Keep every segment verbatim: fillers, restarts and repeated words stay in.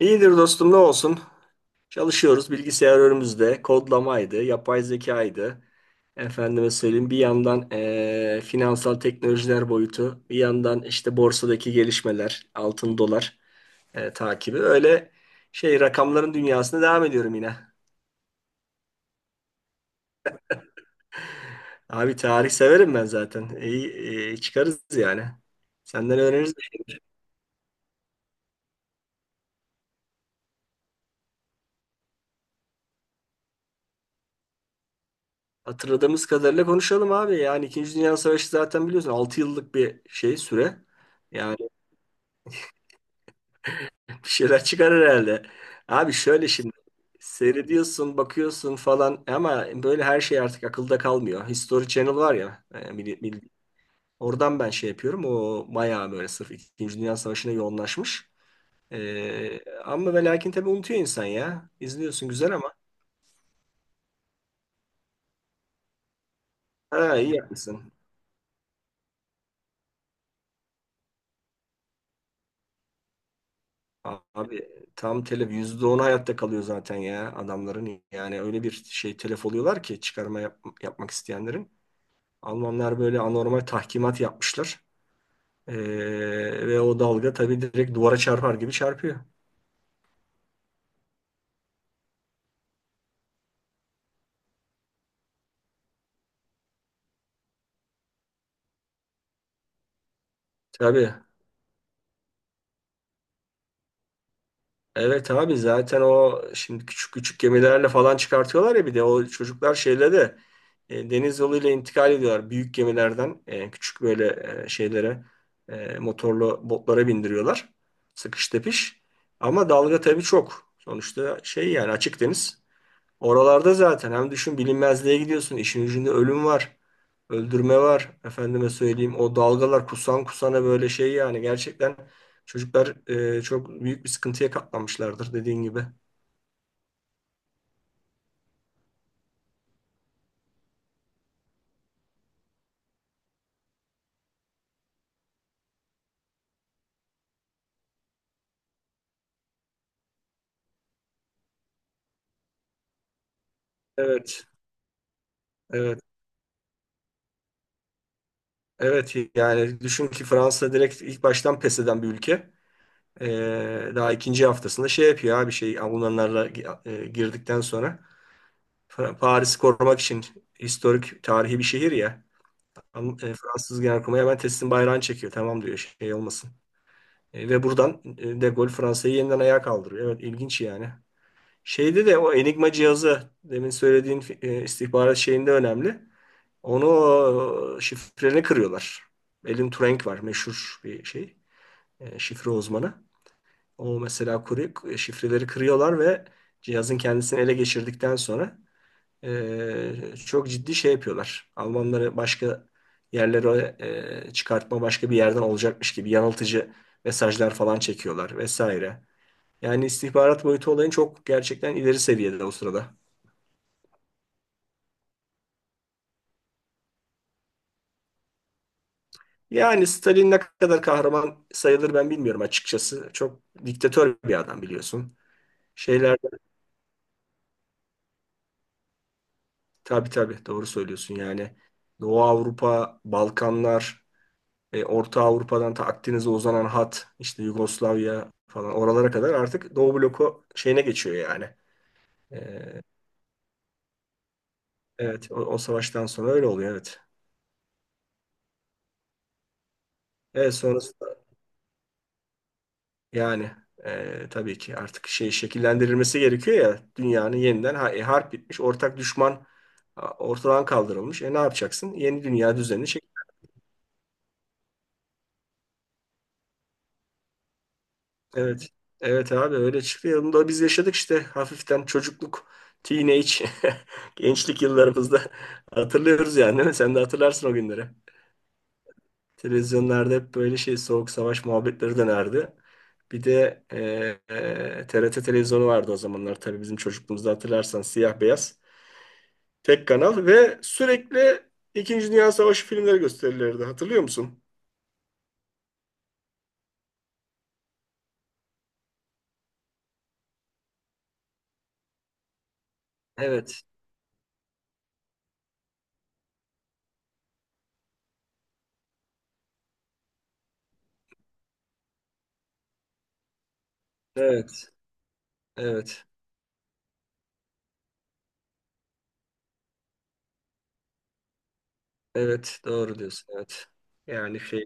İyidir dostum ne olsun. Çalışıyoruz, bilgisayar önümüzde. Kodlamaydı, yapay zekaydı. Efendime söyleyeyim, bir yandan eee, finansal teknolojiler boyutu, bir yandan işte borsadaki gelişmeler, altın dolar eee, takibi. Öyle şey, rakamların dünyasına devam ediyorum yine. Abi tarih severim ben zaten. İyi, iyi çıkarız yani. Senden öğreniriz. Hatırladığımız kadarıyla konuşalım abi. Yani İkinci Dünya Savaşı zaten biliyorsun altı yıllık bir şey süre. Yani bir şeyler çıkar herhalde. Abi şöyle şimdi seyrediyorsun, bakıyorsun falan ama böyle her şey artık akılda kalmıyor. History Channel var ya, e, mil- mil- oradan ben şey yapıyorum. O bayağı böyle sırf İkinci Dünya Savaşı'na yoğunlaşmış. E, ama ve lakin tabii unutuyor insan ya. İzliyorsun, güzel ama. Ha, iyi yapmışsın. A- Abi tam telef, yüzde onu hayatta kalıyor zaten ya adamların. Yani öyle bir şey telef oluyorlar ki çıkarma yap- yapmak isteyenlerin. Almanlar böyle anormal tahkimat yapmışlar. Ee, Ve o dalga tabii direkt duvara çarpar gibi çarpıyor. Tabii. Evet abi, zaten o şimdi küçük küçük gemilerle falan çıkartıyorlar ya, bir de o çocuklar şeyle de e, deniz yoluyla intikal ediyorlar. Büyük gemilerden e, küçük böyle e, şeylere, e, motorlu botlara bindiriyorlar. Sıkış tepiş. Ama dalga tabii çok. Sonuçta şey yani, açık deniz. Oralarda zaten hem düşün bilinmezliğe gidiyorsun, işin ucunda ölüm var. Öldürme var. Efendime söyleyeyim, o dalgalar kusan kusana böyle şey yani. Gerçekten çocuklar e, çok büyük bir sıkıntıya katlanmışlardır dediğin gibi. Evet. Evet. Evet yani düşün ki Fransa direkt ilk baştan pes eden bir ülke. E, daha ikinci haftasında şey yapıyor abi, şey Almanlarla e, girdikten sonra. Fra- Paris'i korumak için, historik, tarihi bir şehir ya. Am- e, Fransız Genelkurmay'a hemen teslim bayrağını çekiyor. Tamam diyor, şey olmasın. E, ve buradan e, De Gaulle Fransa'yı yeniden ayağa kaldırıyor. Evet ilginç yani. Şeyde de o Enigma cihazı demin söylediğin e, istihbarat şeyinde önemli. Onu o, şifreni kırıyorlar. Elin Turing var, meşhur bir şey, e, şifre uzmanı. O mesela kuruyor, şifreleri kırıyorlar ve cihazın kendisini ele geçirdikten sonra ee, çok ciddi şey yapıyorlar. Almanları başka yerlere e, çıkartma başka bir yerden olacakmış gibi yanıltıcı mesajlar falan çekiyorlar vesaire. Yani istihbarat boyutu olayın çok gerçekten ileri seviyede o sırada. Yani Stalin ne kadar kahraman sayılır ben bilmiyorum açıkçası. Çok diktatör bir adam biliyorsun. Şeyler, tabii tabii doğru söylüyorsun yani. Doğu Avrupa, Balkanlar, E, Orta Avrupa'dan ta Akdeniz'e uzanan hat, işte Yugoslavya falan oralara kadar artık Doğu bloku şeyine geçiyor yani. E, evet o, o savaştan sonra öyle oluyor, evet. Evet sonrasında yani, e, tabii ki artık şey, şekillendirilmesi gerekiyor ya dünyanın yeniden, ha- e, harp bitmiş, ortak düşman a, ortadan kaldırılmış. E ne yapacaksın? Yeni dünya düzenini. Evet. Evet abi, öyle çıktı ya. Bunu da biz yaşadık işte hafiften çocukluk, teenage, gençlik yıllarımızda hatırlıyoruz yani değil mi? Sen de hatırlarsın o günleri. Televizyonlarda hep böyle şey, soğuk savaş muhabbetleri dönerdi. Bir de e, e, T R T televizyonu vardı o zamanlar tabii, bizim çocukluğumuzda hatırlarsan siyah beyaz. Tek kanal ve sürekli İkinci Dünya Savaşı filmleri gösterilirdi. Hatırlıyor musun? Evet, evet, evet, evet. Doğru diyorsun. Evet. Yani şey,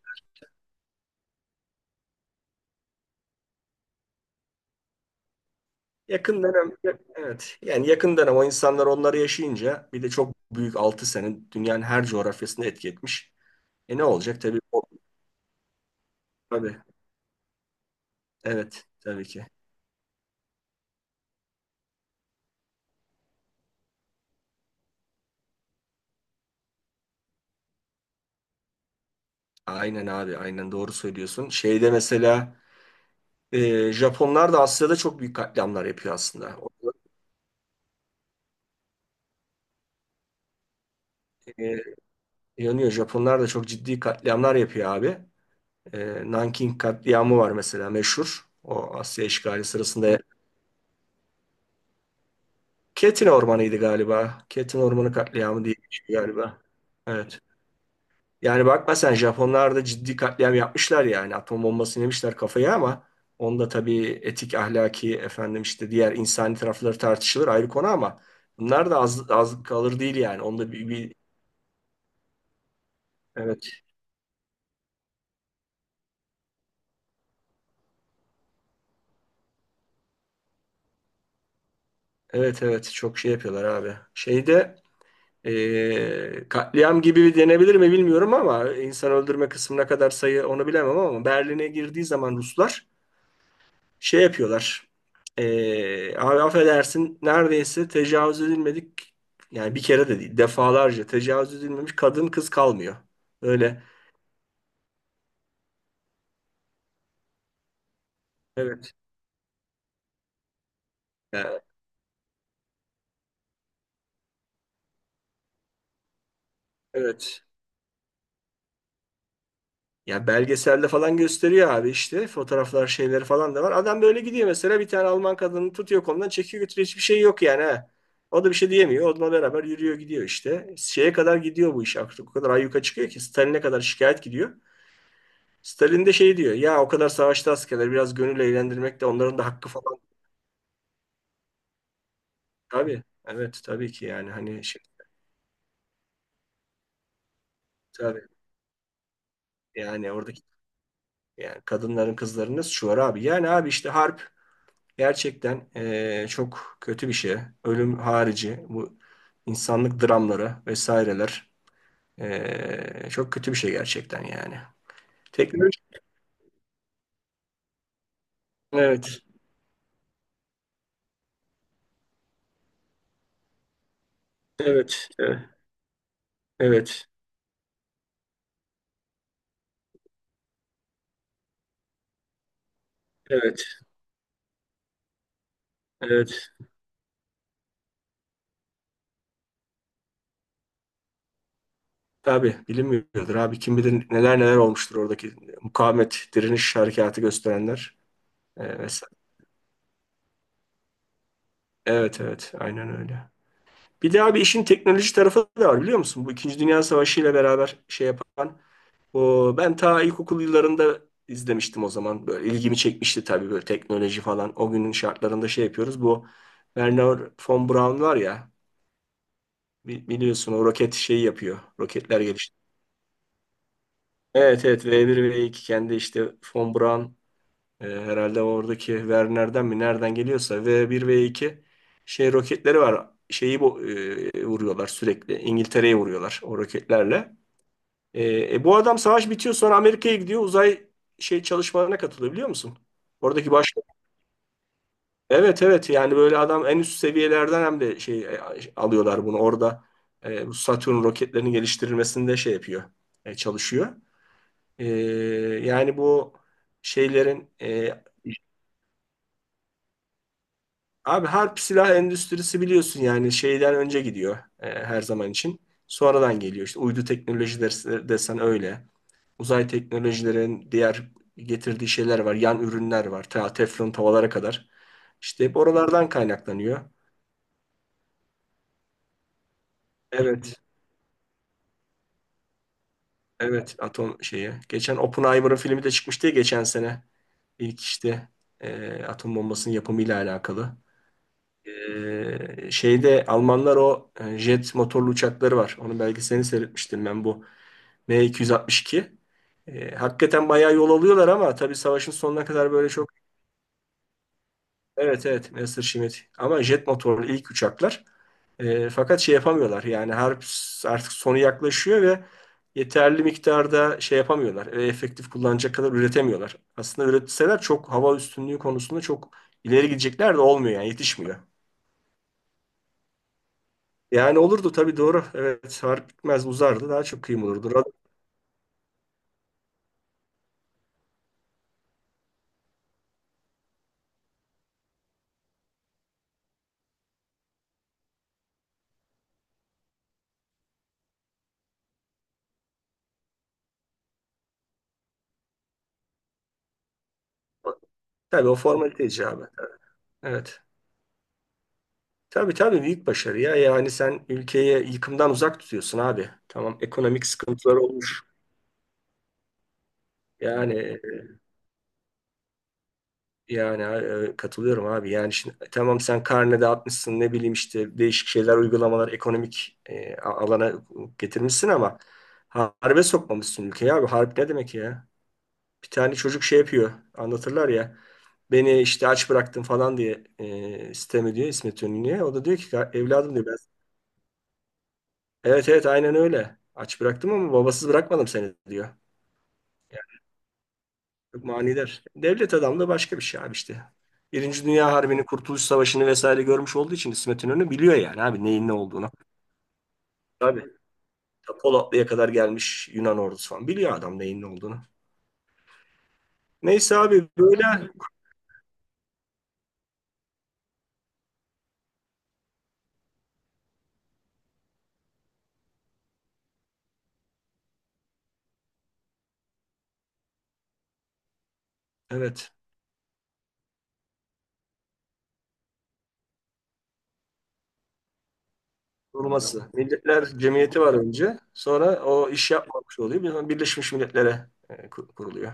yakın dönem, evet. Yani yakın dönem, o insanlar onları yaşayınca, bir de çok büyük, altı sene dünyanın her coğrafyasında etki etmiş. E ne olacak? Tabii, o, tabii. Evet, tabii ki. Aynen abi, aynen doğru söylüyorsun. Şeyde mesela e, Japonlar da Asya'da çok büyük katliamlar yapıyor aslında. O- E, yanıyor. Japonlar da çok ciddi katliamlar yapıyor abi. E, Nanking katliamı var mesela meşhur. O Asya işgali sırasında. Ketin Ormanı'ydı galiba. Ketin Ormanı katliamı diye bir şey galiba. Evet. Yani bakma sen, Japonlar da ciddi katliam yapmışlar yani. Atom bombası yemişler kafaya ama onda tabii etik, ahlaki, efendim işte diğer insani tarafları tartışılır, ayrı konu ama bunlar da az, az kalır değil yani. Onda bir, bir- evet evet evet çok şey yapıyorlar abi. Şeyde eee, katliam gibi denebilir mi bilmiyorum ama insan öldürme kısmına kadar, sayı onu bilemem, ama Berlin'e girdiği zaman Ruslar şey yapıyorlar. Ee, abi affedersin neredeyse tecavüz edilmedik, yani bir kere de değil defalarca tecavüz edilmemiş kadın kız kalmıyor. Öyle. Evet. Ya, evet. Ya belgeselde falan gösteriyor abi, işte fotoğraflar şeyleri falan da var. Adam böyle gidiyor mesela, bir tane Alman kadını tutuyor, kolundan çekiyor, götürüyor, hiçbir şey yok yani ha. O da bir şey diyemiyor. Onunla beraber yürüyor gidiyor işte. Şeye kadar gidiyor bu iş artık. O kadar ayyuka çıkıyor ki Stalin'e kadar şikayet gidiyor. Stalin de şey diyor. Ya o kadar savaşta askerler biraz gönül eğlendirmek de onların da hakkı falan. Tabii. Evet tabii ki, yani hani şey, tabii, yani oradaki, yani kadınların kızların nasıl, şu var abi? Yani abi işte harp gerçekten eee, çok kötü bir şey. Ölüm harici bu insanlık dramları vesaireler eee, çok kötü bir şey gerçekten yani. Teknoloji. Evet. Evet. Evet. Evet. Evet. Evet. Tabii bilinmiyordur abi. Kim bilir neler neler olmuştur oradaki mukavemet, direniş harekatı gösterenler. Ee, vesaire. Evet evet aynen öyle. Bir de abi işin teknoloji tarafı da var biliyor musun? Bu İkinci Dünya Savaşı ile beraber şey yapan. O, ben ta ilkokul yıllarında izlemiştim o zaman. Böyle ilgimi çekmişti tabii, böyle teknoloji falan. O günün şartlarında şey yapıyoruz. Bu Werner von Braun var ya, bi- biliyorsun o roket şeyi yapıyor. Roketler geliştiriyor. Evet evet V bir V iki kendi işte von Braun. Ee, herhalde oradaki Werner'den mi nereden geliyorsa v bir v iki şey roketleri var. Şeyi bu e, vuruyorlar sürekli. İngiltere'ye vuruyorlar o roketlerle. E, e, bu adam savaş bitiyor sonra Amerika'ya gidiyor. Uzay şey çalışmalarına katılıyor biliyor musun? Oradaki baş, evet evet yani böyle adam en üst seviyelerden hem de şey, e, alıyorlar bunu orada. E, bu Satürn roketlerinin geliştirilmesinde şey yapıyor, e, çalışıyor. E, yani bu şeylerin e, Abi harp silah endüstrisi biliyorsun yani şeyden önce gidiyor e, her zaman için. Sonradan geliyor işte, uydu teknolojileri desen öyle. Uzay teknolojilerin diğer getirdiği şeyler var. Yan ürünler var. Ta teflon tavalara kadar. İşte hep oralardan kaynaklanıyor. Evet. Evet atom şeyi. Geçen Oppenheimer'ın filmi de çıkmıştı ya geçen sene. İlk işte e, atom bombasının yapımıyla alakalı. Ee, şeyde Almanlar o e, jet motorlu uçakları var. Onun belgeselini seyretmiştim ben bu M iki yüz altmış iki. Ee, hakikaten bayağı yol alıyorlar ama tabii savaşın sonuna kadar böyle çok evet evet Messerschmitt, ama jet motorlu ilk uçaklar. Ee, fakat şey yapamıyorlar yani, harp artık sonu yaklaşıyor ve yeterli miktarda şey yapamıyorlar. e, Efektif kullanacak kadar üretemiyorlar. Aslında üretseler çok hava üstünlüğü konusunda çok ileri gidecekler de olmuyor yani, yetişmiyor. Yani olurdu tabii, doğru. Evet harp bitmez uzardı, daha çok kıyım olurdu. Rad- Tabii o formalite icabı. Evet. Tabii tabii büyük başarı ya. Yani sen ülkeyi yıkımdan uzak tutuyorsun abi. Tamam ekonomik sıkıntılar olmuş. Yani yani e, katılıyorum abi. Yani şimdi e, tamam sen karne dağıtmışsın, ne bileyim işte değişik şeyler uygulamalar ekonomik e, a- alana getirmişsin ama harbe sokmamışsın ülkeyi abi. Harp ne demek ya? Bir tane çocuk şey yapıyor, anlatırlar ya. Beni işte aç bıraktın falan diye e, sitem ediyor İsmet İnönü'ye. O da diyor ki evladım, diyor ben. Evet evet aynen öyle. Aç bıraktım ama babasız bırakmadım seni, diyor. Yani çok manidar. Devlet adamı da başka bir şey abi işte. Birinci Dünya Harbi'ni, Kurtuluş Savaşı'nı vesaire görmüş olduğu için İsmet İnönü biliyor yani abi neyin ne olduğunu. Abi ta Polatlı'ya kadar gelmiş Yunan ordusu falan. Biliyor adam neyin ne olduğunu. Neyse abi böyle, evet. Kurulması. Milletler Cemiyeti var önce. Sonra o iş yapmamış oluyor. Bir- Birleşmiş Milletler'e e, ku- kuruluyor.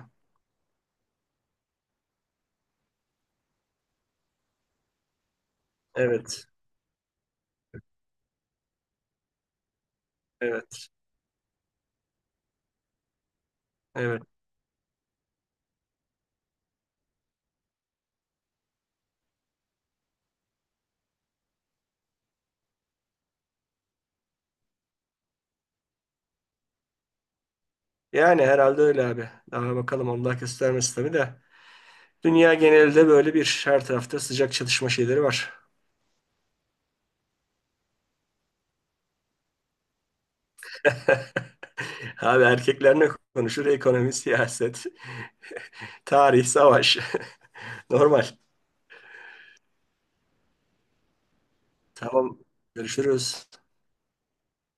Evet, evet, evet. Yani herhalde öyle abi. Daha bakalım, Allah göstermesi tabii de. Dünya genelinde böyle bir her tarafta sıcak çatışma şeyleri var. Abi erkekler ne konuşur? Ekonomi, siyaset, tarih, savaş. Normal. Tamam. Görüşürüz.